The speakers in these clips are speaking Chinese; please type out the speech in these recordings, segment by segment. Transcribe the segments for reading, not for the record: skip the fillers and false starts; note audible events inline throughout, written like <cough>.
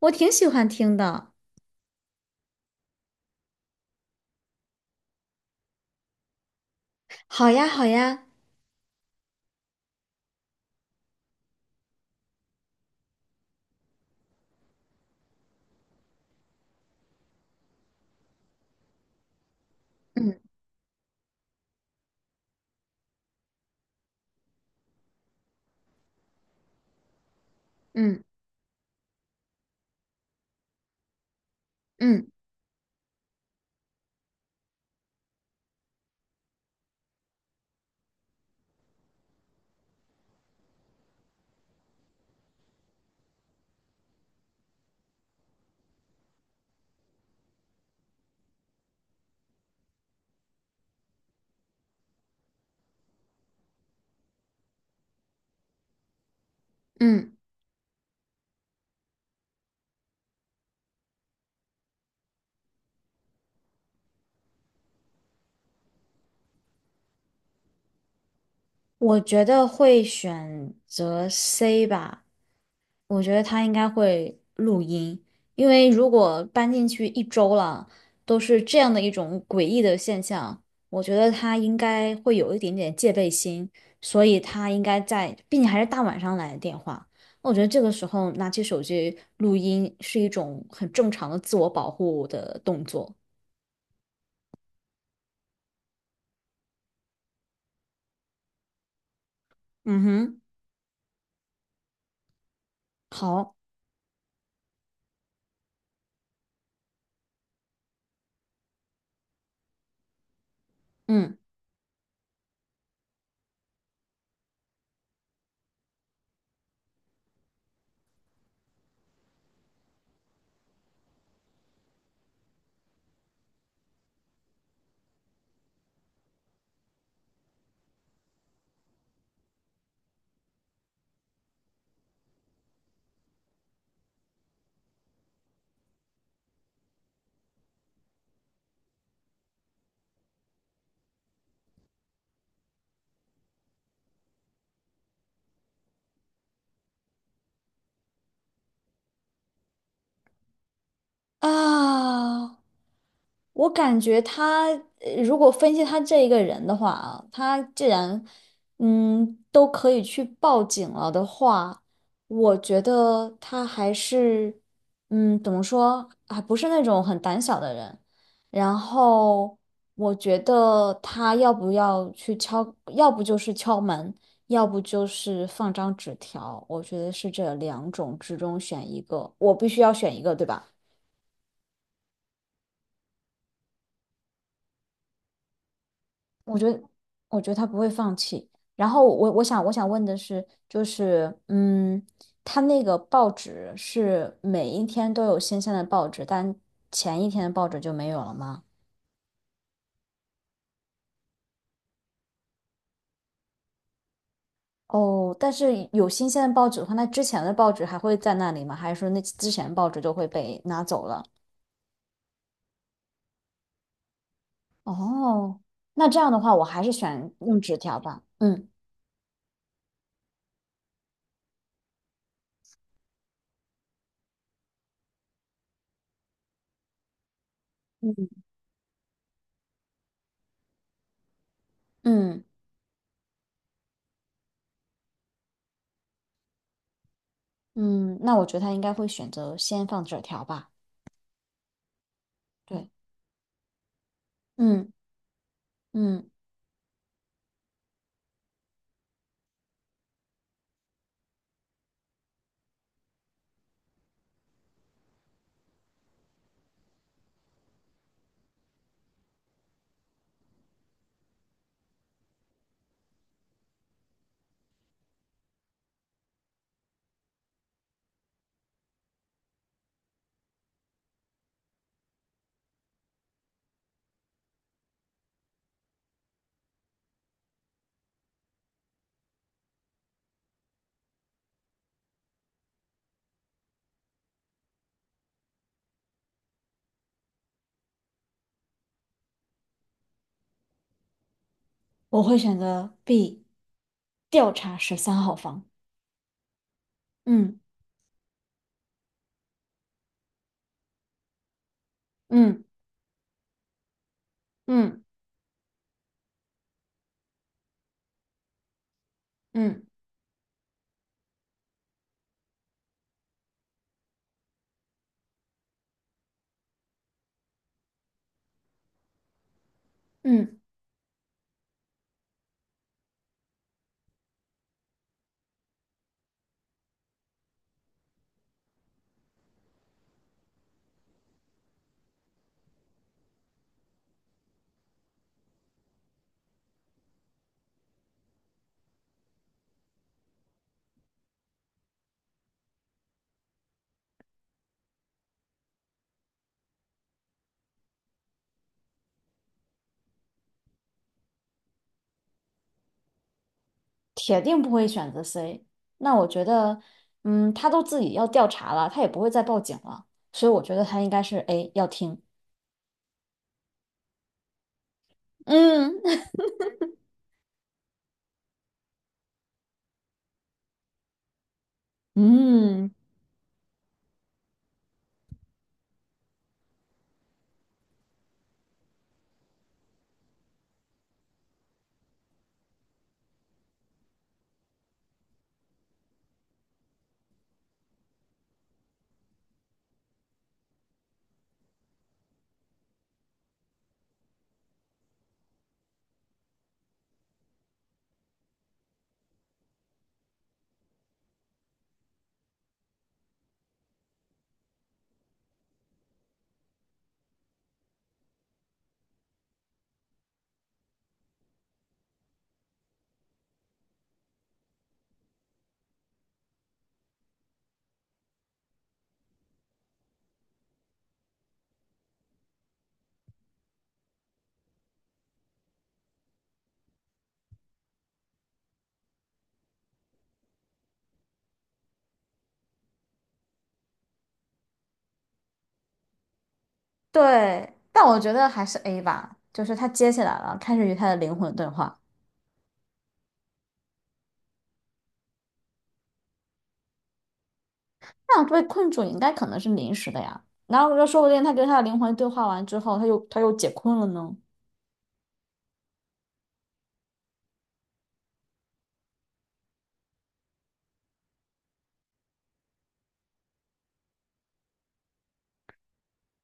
我挺喜欢听的。好呀，好呀，嗯嗯嗯嗯，我觉得会选择 C 吧。我觉得他应该会录音，因为如果搬进去一周了，都是这样的一种诡异的现象，我觉得他应该会有一点点戒备心，所以他应该在，并且还是大晚上来的电话。我觉得这个时候拿起手机录音是一种很正常的自我保护的动作。嗯哼。好。嗯啊，我感觉他，如果分析他这一个人的话啊，他既然都可以去报警了的话，我觉得他还是怎么说，啊，不是那种很胆小的人。然后我觉得他要不要去敲，要不就是敲门，要不就是放张纸条，我觉得是这两种之中选一个，我必须要选一个，对吧？我觉得，我觉得他不会放弃。然后我想问的是，他那个报纸是每一天都有新鲜的报纸，但前一天的报纸就没有了吗？哦，但是有新鲜的报纸的话，那之前的报纸还会在那里吗？还是说那之前报纸就会被拿走了？哦，那这样的话，我还是选用纸条吧。嗯嗯，嗯嗯，那我觉得他应该会选择先放纸条吧。对，嗯嗯。我会选择 B，调查十三号房。嗯嗯嗯嗯嗯，铁定不会选择 C。那我觉得，嗯，他都自己要调查了，他也不会再报警了，所以我觉得他应该是 A，要听。嗯 <laughs> 嗯。对，但我觉得还是 A 吧，就是他接起来了，开始与他的灵魂对话。那样被困住应该可能是临时的呀，然后又说不定他跟他的灵魂对话完之后，他又解困了呢。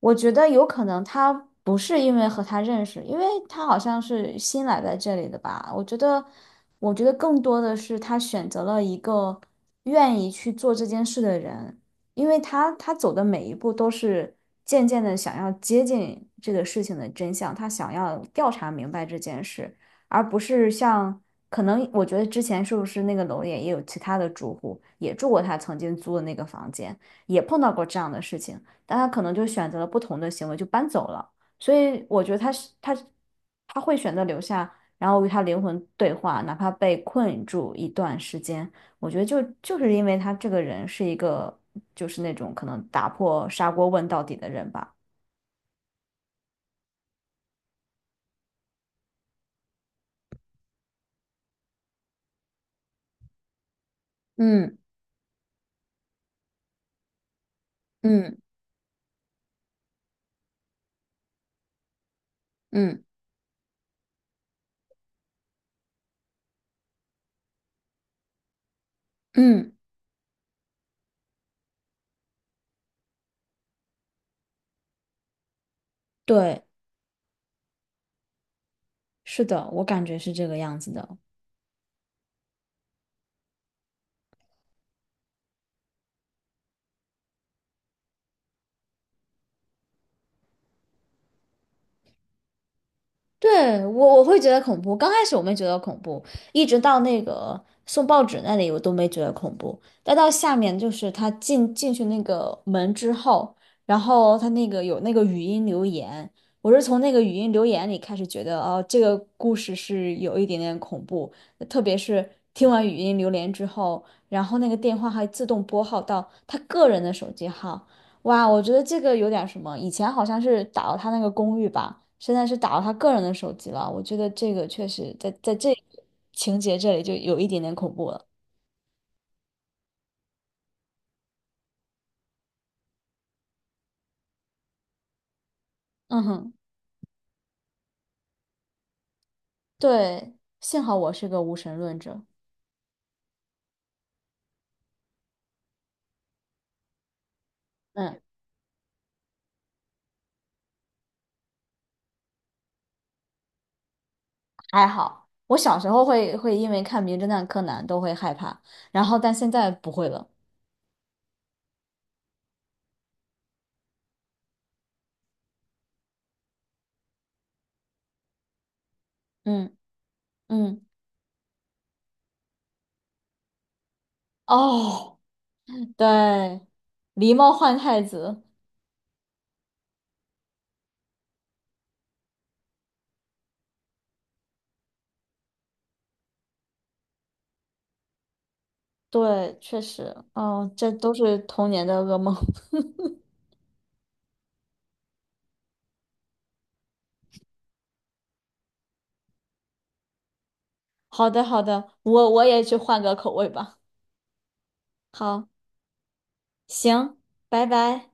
我觉得有可能他不是因为和他认识，因为他好像是新来在这里的吧。我觉得更多的是他选择了一个愿意去做这件事的人，因为他走的每一步都是渐渐的想要接近这个事情的真相，他想要调查明白这件事，而不是像可能我觉得之前是不是那个楼里也有其他的住户也住过他曾经租的那个房间，也碰到过这样的事情。但他可能就选择了不同的行为，就搬走了。所以我觉得他是他他会选择留下，然后与他灵魂对话，哪怕被困住一段时间。我觉得就是因为他这个人是一个就是那种可能打破砂锅问到底的人吧。嗯嗯嗯嗯，对，是的，我感觉是这个样子的。对，我会觉得恐怖，刚开始我没觉得恐怖，一直到那个送报纸那里我都没觉得恐怖，再到下面就是他进去那个门之后，然后他那个有那个语音留言，我是从那个语音留言里开始觉得哦，这个故事是有一点点恐怖，特别是听完语音留言之后，然后那个电话还自动拨号到他个人的手机号。哇，我觉得这个有点什么，以前好像是打到他那个公寓吧，现在是打到他个人的手机了。我觉得这个确实在这个情节这里就有一点点恐怖了。嗯哼。对，幸好我是个无神论者。嗯 <laughs>，还好。我小时候会因为看《名侦探柯南》都会害怕，然后但现在不会了。嗯嗯。哦，对，狸猫换太子。对，确实，哦，这都是童年的噩梦。好的，好的，我也去换个口味吧。好，行，拜拜。